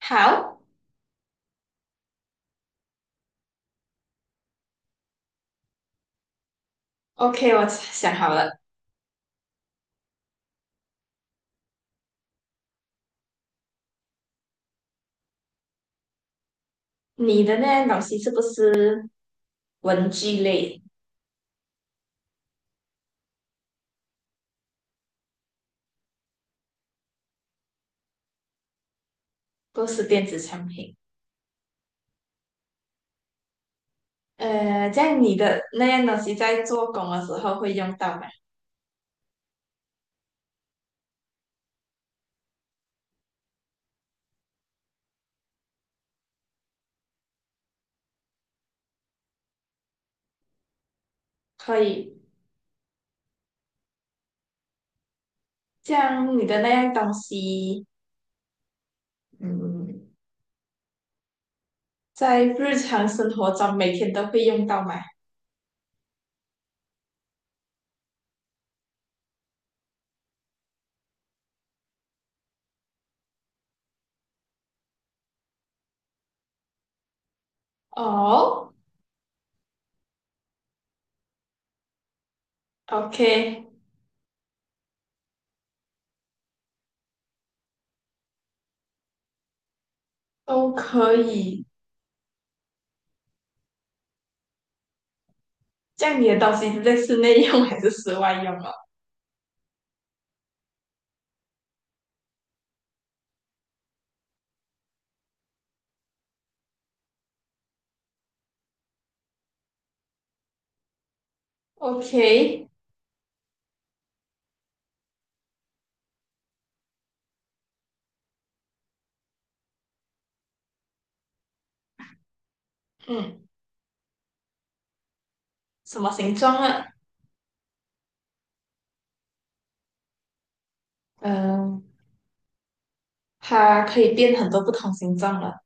好，OK，我想好了。你的那样东西是不是文具类，不是电子产品？这样你的那样东西在做工的时候会用到吗？可以。这样你的那样东西，嗯，在日常生活中每天都会用到吗？哦，OK，都可以。这样你的东西是在室内用还是室外用哦？OK，嗯，什么形状啊？嗯、它可以变很多不同形状了。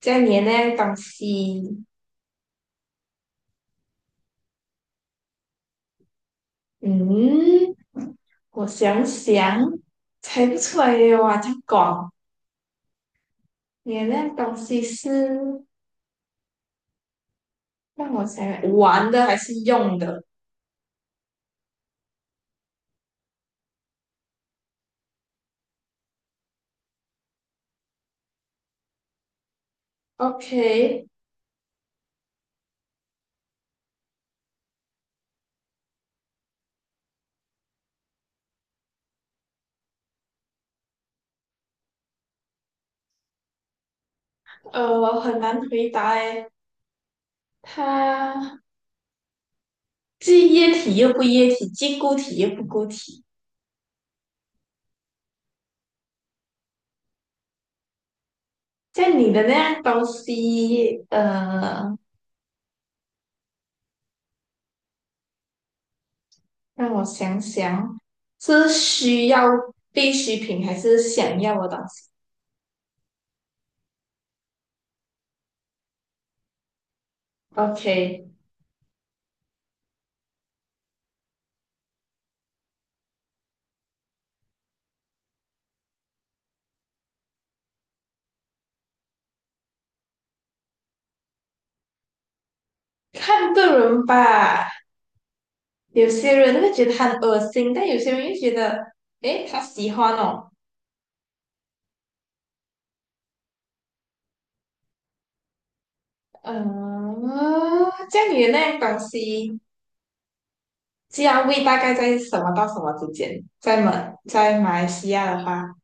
这样你的那样东西，嗯，我想想，猜不出来耶哇，这样广。你的那样东西是让我想想玩的还是用的？OK，很难回答诶，它既液体又不液体，既固体又不固体。像你的那样东西，让我想想，是需要必需品还是想要的东西？OK，看个人吧。有些人会觉得很恶心，但有些人又觉得，诶，他喜欢哦。嗯，这样你的那样东西，价位大概在什么到什么之间？在马来西亚的话，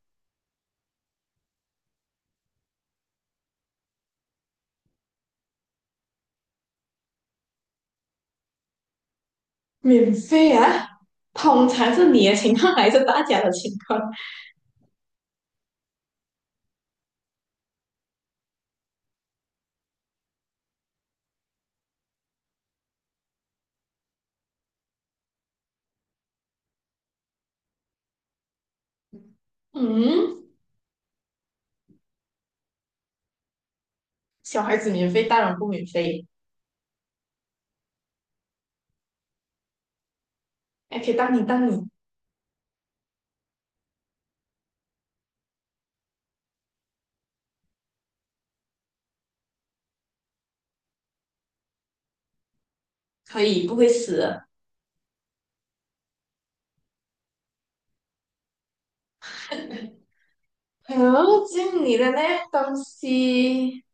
免费啊，通常是你的情况还是大家的情况？嗯，小孩子免费，大人不免费。哎，可以当你可以不会死的。哎，这样你的那样东西。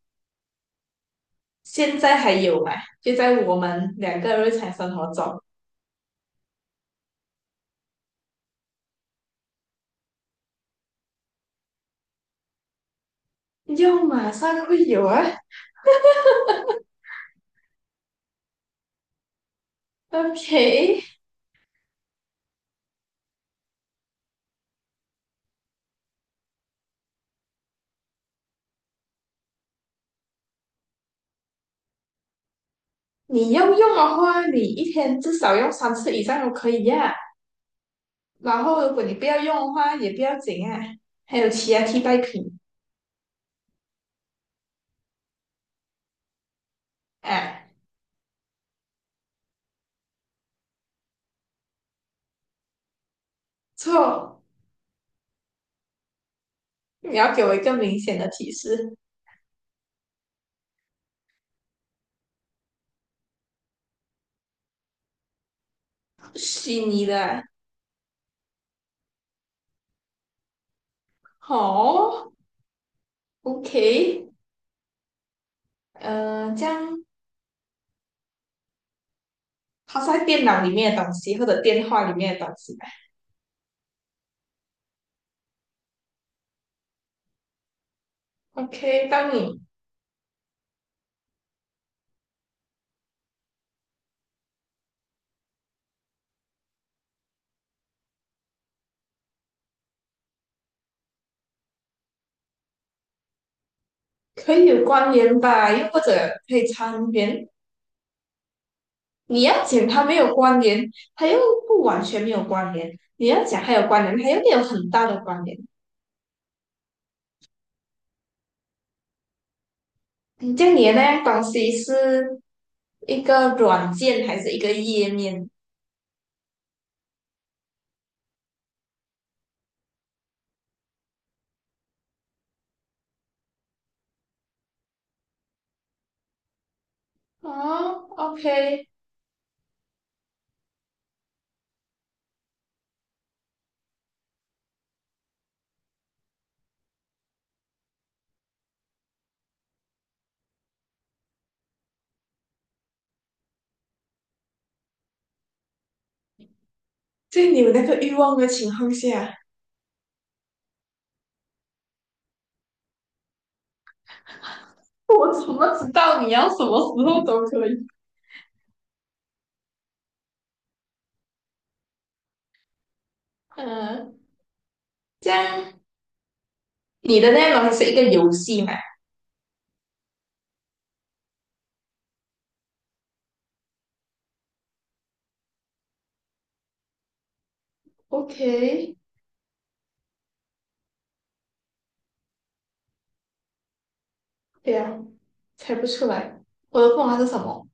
现在还有嘛？就在我们两个日常生活中，用马上会有啊。OK，你要用的话，你一天至少用三次以上都可以呀、啊然后如果你不要用的话，也不要紧啊。还有其他替代品啊？错，你要给我一个明显的提示。虚拟的好。 o k 这样它在电脑里面的东西或者电话里面的东西吧？OK，当你。可以有关联吧，又或者可以参联。你要讲它没有关联，它又不完全没有关联；你要讲它有关联，它又没有很大的关联。嗯，像你的那样东西是一个软件还是一个页面？啊，OK，在你有那个欲望的情况下，我怎么知道你要什么时候都可以？嗯，这样你的内容东是一个游戏嘛？OK，对啊，猜不出来。我的凤凰是什么？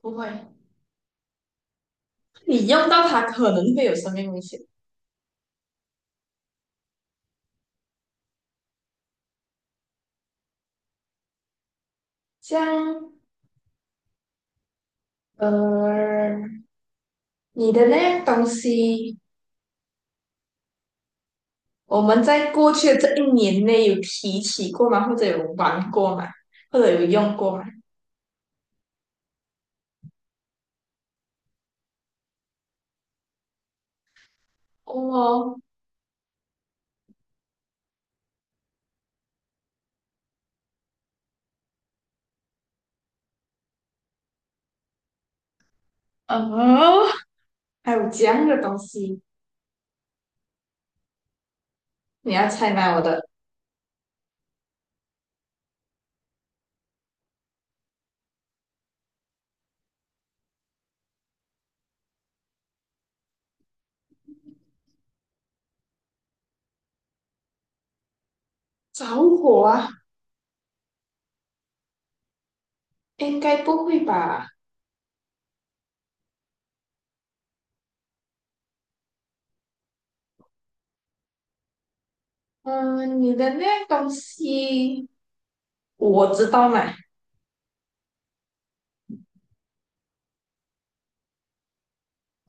不会，你用到它可能会有生命危险。像呃，你的那样东西，我们在过去的这一年内有提起过吗？或者有玩过吗？或者有用过吗？哦，哦，还有这样的东西，你要猜吗？我的着火啊，应该不会吧？嗯，你的那样东西我知道嘛。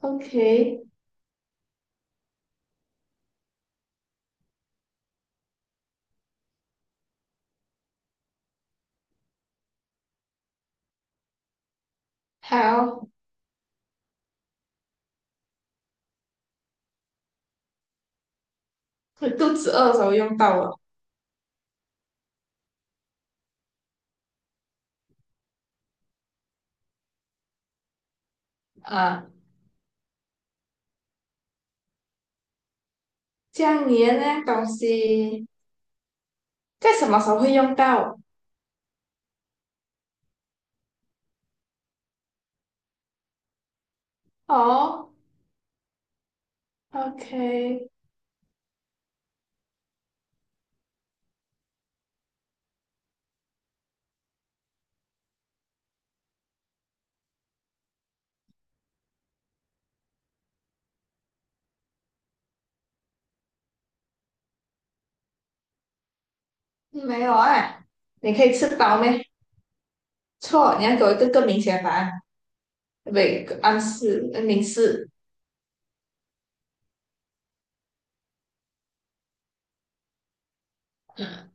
OK，好，我肚子饿的时候用到了啊。这样你的那东西在什么时候会用到？哦，OK，没有啊，你可以吃饱没？错，你要给我一个更明显的答案。不，一个暗示，明示。嗯，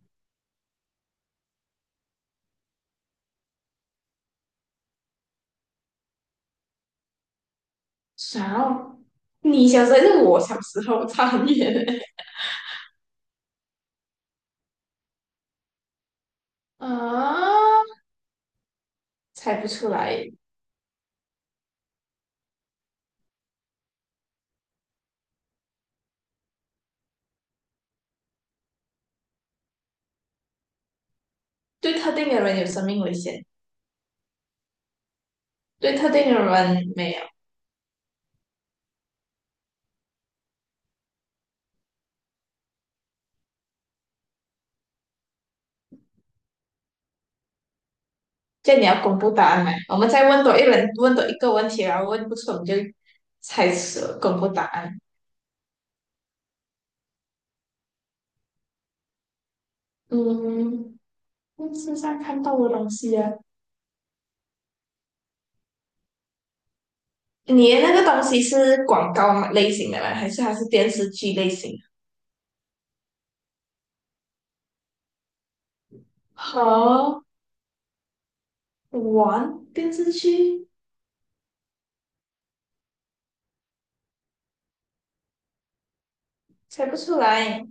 啥哦？你小时候还是我小时候，差很远欸啊，猜不出来。对特定的人有生命危险，对特定的人没有。这样你要公布答案吗？我们再问多一轮，问多一个问题，然后问不出我们就猜测公布答案。嗯，电视上看到的东西啊，你的那个东西是广告类型的吗？还是电视剧类型好玩电视剧，猜不出来。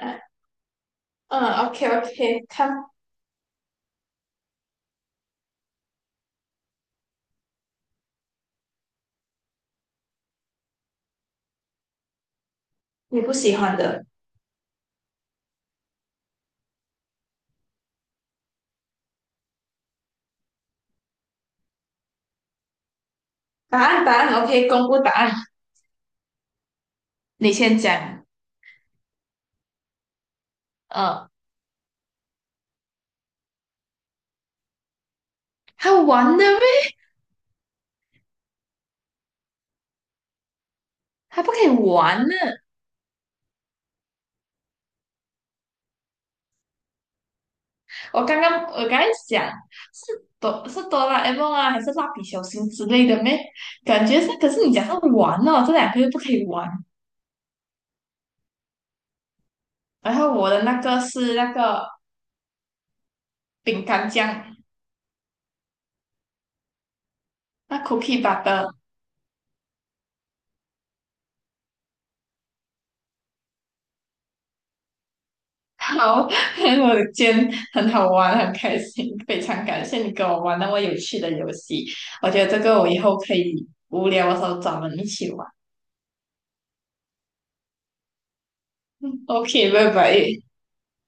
啊嗯，OK OK，看你不喜欢的答案，答案 OK，公布答案。你先讲。嗯，还玩的咩？还不可以玩呢。我刚才想是哆啦 A 梦啊，还是蜡笔小新之类的咩？感觉是，可是你讲是玩哦，这两个又不可以玩。然后我的那个是那个饼干酱，那 cookie butter，好，我的今天，很好玩，很开心，非常感谢你跟我玩那么有趣的游戏，我觉得这个我以后可以无聊的时候找人一起玩。嗯 OK，拜拜。